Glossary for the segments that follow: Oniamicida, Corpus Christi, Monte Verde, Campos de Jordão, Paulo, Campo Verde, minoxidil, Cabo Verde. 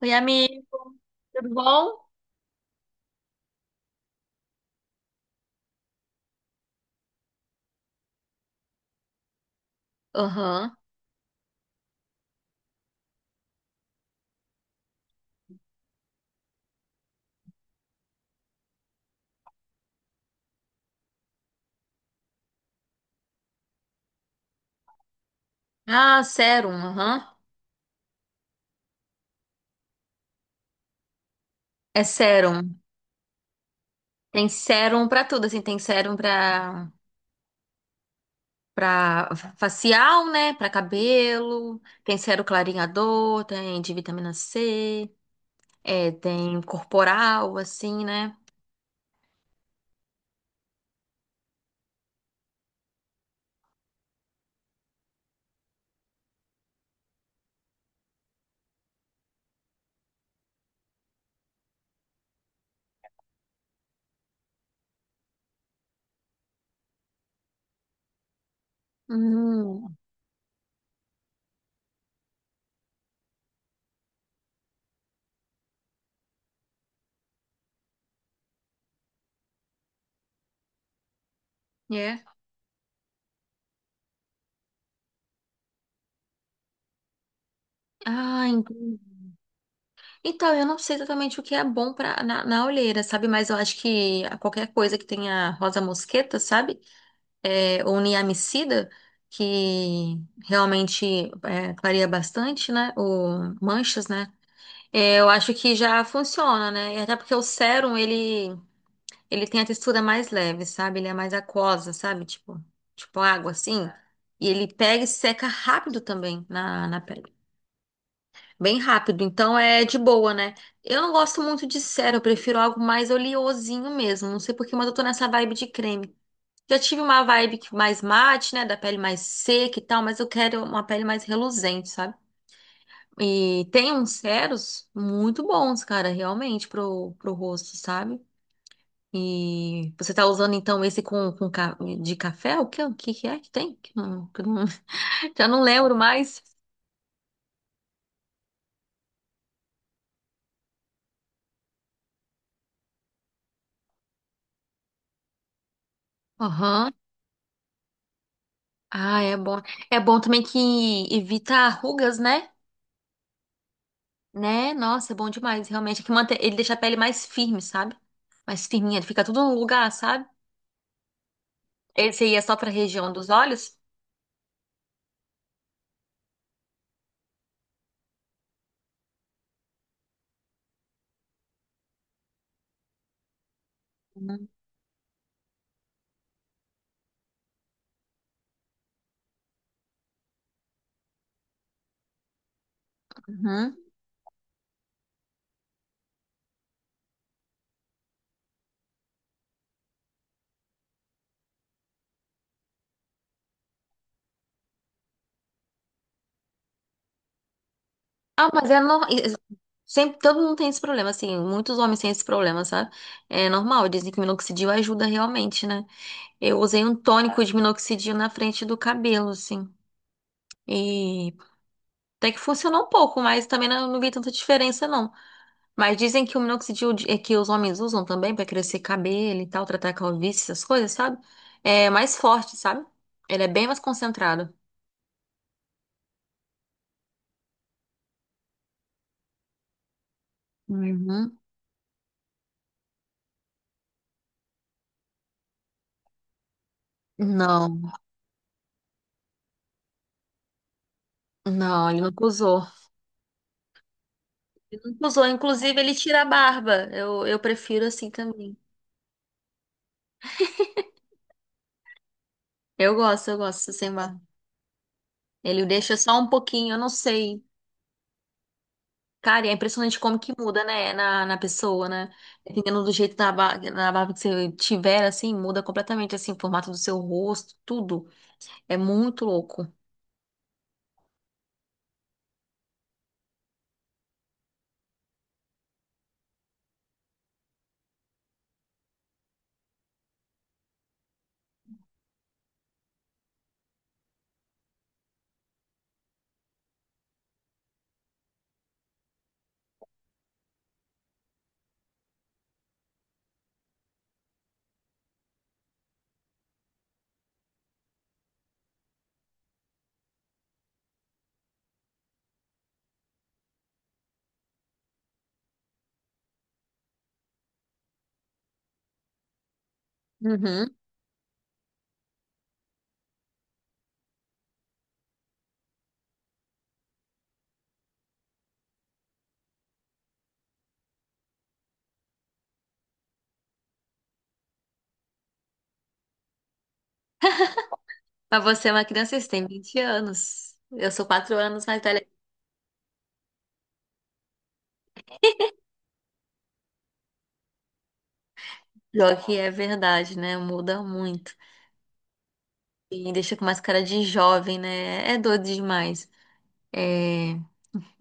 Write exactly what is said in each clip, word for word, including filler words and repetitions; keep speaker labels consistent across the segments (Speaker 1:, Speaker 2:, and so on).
Speaker 1: Oi, amigo, tudo bom? Aham. Ah, sérum, aham. É sérum. Tem sérum pra tudo, assim, tem sérum pra, pra facial, né? Pra cabelo, tem sérum clareador, tem de vitamina cê, é, tem corporal, assim, né? Hum, é. Ah, entendi. Então, eu não sei exatamente o que é bom pra, na, na olheira, sabe? Mas eu acho que qualquer coisa que tenha rosa mosqueta, sabe? é, Oniamicida, que realmente é, clareia bastante, né? O manchas, né? É, eu acho que já funciona, né? E até porque o sérum, ele, ele tem a textura mais leve, sabe? Ele é mais aquosa, sabe? Tipo, tipo água, assim. E ele pega e seca rápido também na, na pele. Bem rápido, então é de boa, né? Eu não gosto muito de sérum, eu prefiro algo mais oleosinho mesmo. Não sei por que, mas eu tô nessa vibe de creme. Já tive uma vibe que mais mate, né? Da pele mais seca e tal, mas eu quero uma pele mais reluzente, sabe? E tem uns ceros muito bons, cara, realmente, pro, pro rosto, sabe? E você tá usando então esse com, com ca- de café? O que, o que que é que tem? Que não- que não- Já não lembro mais. Aham. Ah, é bom. É bom também que evita rugas, né? Né? Nossa, é bom demais, realmente. É que mantém, ele deixa a pele mais firme, sabe? Mais firminha, fica tudo no lugar, sabe? Esse aí é só pra região dos olhos? Uhum. Uhum. Ah, mas é normal. Sempre, todo mundo tem esse problema, assim, muitos homens têm esse problema, sabe? É normal, dizem que minoxidil ajuda realmente, né? Eu usei um tônico de minoxidil na frente do cabelo, assim, e até que funcionou um pouco, mas também não, não vi tanta diferença, não. Mas dizem que o minoxidil de- é que os homens usam também pra crescer cabelo e tal, tratar calvície, essas coisas, sabe? É mais forte, sabe? Ele é bem mais concentrado. Uhum. Não. Não, ele não usou. Ele não usou. Inclusive, ele tira a barba. Eu, eu prefiro assim também. Eu gosto, eu gosto sem barba. Ele deixa só um pouquinho, eu não sei. Cara, e é impressionante como que muda, né? Na, na pessoa, né? Dependendo do jeito da barba, na barba que você tiver, assim, muda completamente, assim, o formato do seu rosto, tudo. É muito louco. Uhum. Mas você é uma criança, você tem vinte anos. Eu sou quatro anos mais velha. Pior que é verdade, né? Muda muito. E deixa com mais cara de jovem, né? É doido demais. É,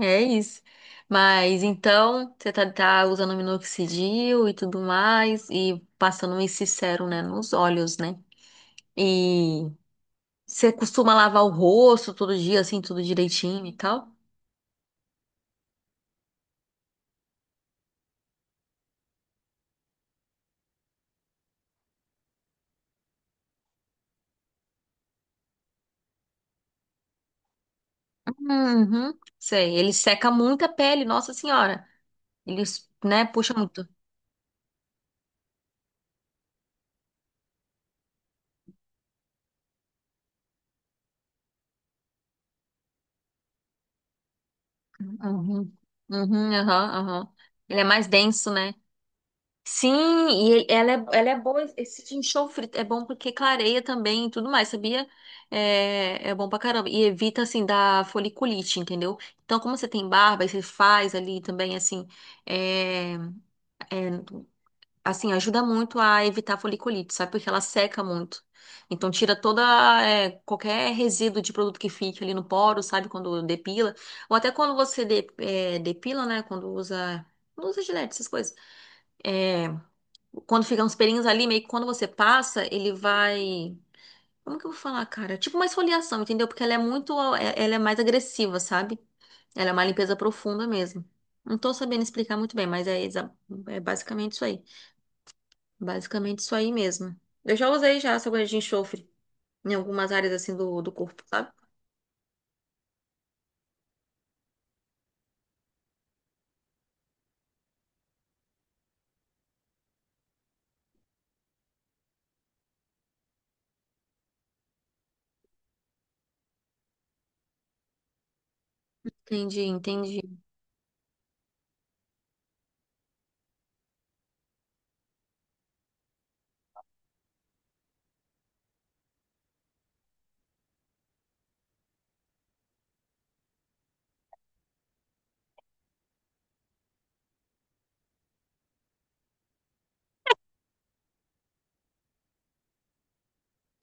Speaker 1: é isso. Mas então, você tá, tá usando minoxidil e tudo mais, e passando esse sérum, né, nos olhos, né? E você costuma lavar o rosto todo dia, assim, tudo direitinho e tal? Uhum, sei. Ele seca muito a pele, nossa senhora. Ele, né, puxa muito. Uhum, uhum, aham, aham. Ele é mais denso, né? Sim, e e- ela é, ela é boa, esse enxofre é bom porque clareia também e tudo mais, sabia? É, é bom pra caramba. E evita, assim, da foliculite, entendeu? Então, como você tem barba e você faz ali também, assim, é, é, assim, ajuda muito a evitar a foliculite, sabe? Porque ela seca muito. Então, tira toda, é, qualquer resíduo de produto que fique ali no poro, sabe? Quando depila. Ou até quando você de- é, depila, né? Quando usa, não usa gilete, essas coisas. É quando ficam os pelinhos ali, meio que quando você passa, ele vai. Como que eu vou falar, cara? Tipo uma esfoliação, entendeu? Porque ela é muito. é- Ela é mais agressiva, sabe? Ela é uma limpeza profunda mesmo. Não tô sabendo explicar muito bem, mas é, exa- é basicamente isso aí. Basicamente isso aí mesmo. Eu já usei já essa agulha de enxofre em algumas áreas assim do, do corpo, sabe? Entendi, entendi.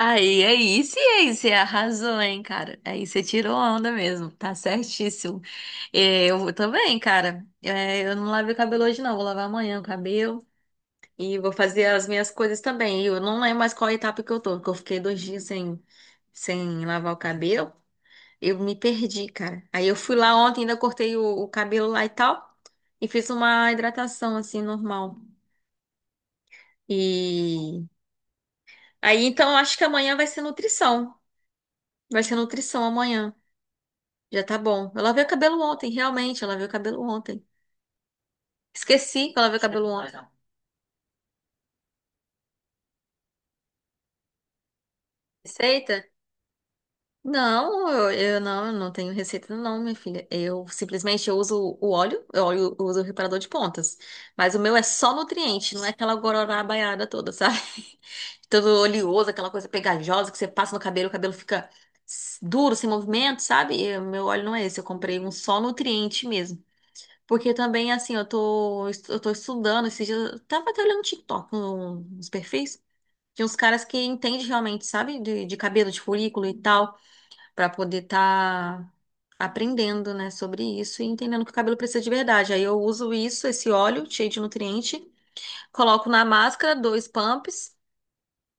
Speaker 1: Aí, aí, sim, aí, você arrasou, hein, cara? Aí você tirou onda mesmo, tá certíssimo. É, eu também, cara. É, eu não lavei o cabelo hoje, não. Vou lavar amanhã o cabelo e vou fazer as minhas coisas também. E eu não lembro mais qual etapa que eu tô, porque eu fiquei dois dias sem, sem lavar o cabelo. Eu me perdi, cara. Aí eu fui lá ontem, ainda cortei o, o cabelo lá e tal, e fiz uma hidratação assim, normal. E aí, então, eu acho que amanhã vai ser nutrição. Vai ser nutrição amanhã. Já tá bom. Eu lavei o cabelo ontem, realmente. Eu lavei o cabelo ontem. Esqueci que eu lavei o cabelo ontem. Receita? Não, eu, eu não, eu não tenho receita não, minha filha. Eu simplesmente eu uso o óleo, eu óleo- eu uso o reparador de pontas. Mas o meu é só nutriente, não é aquela gororá baiada toda, sabe? Todo oleoso, aquela coisa pegajosa que você passa no cabelo, o cabelo fica s- duro, sem movimento, sabe? E o meu óleo não é esse, eu comprei um só nutriente mesmo. Porque também, assim, eu tô, eu tô estudando esses dias. Eu tava até olhando TikTok, um- uns perfis de uns caras que entendem realmente, sabe? De, de cabelo, de folículo e tal, pra poder tá aprendendo, né, sobre isso e entendendo que o cabelo precisa de verdade. Aí eu uso isso, esse óleo cheio de nutriente, coloco na máscara, dois pumps,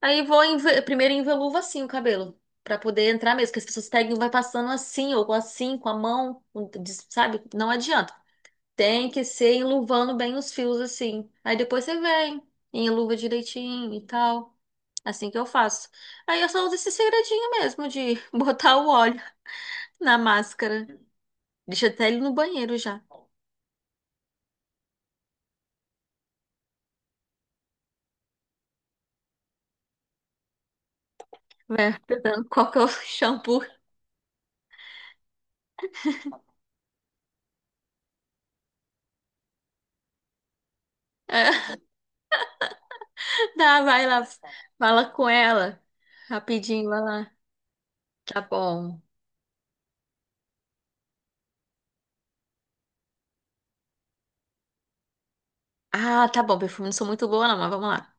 Speaker 1: aí vou enve- primeiro enveluvo assim o cabelo. Pra poder entrar mesmo, que as pessoas pegam e vai passando assim, ou assim, com a mão, des- sabe? Não adianta. Tem que ser enluvando bem os fios assim. Aí depois você vem, enluva direitinho e tal. Assim que eu faço. Aí eu só uso esse segredinho mesmo de botar o óleo na máscara. Deixa até ele no banheiro já. Vai apertando qual que é o shampoo. É, dá, vai lá, fala com ela. Rapidinho, vai lá. Tá bom. Ah, tá bom, perfume não sou muito boa não, mas vamos lá.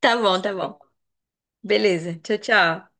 Speaker 1: Tá bom, tá bom. Beleza. Tchau, tchau.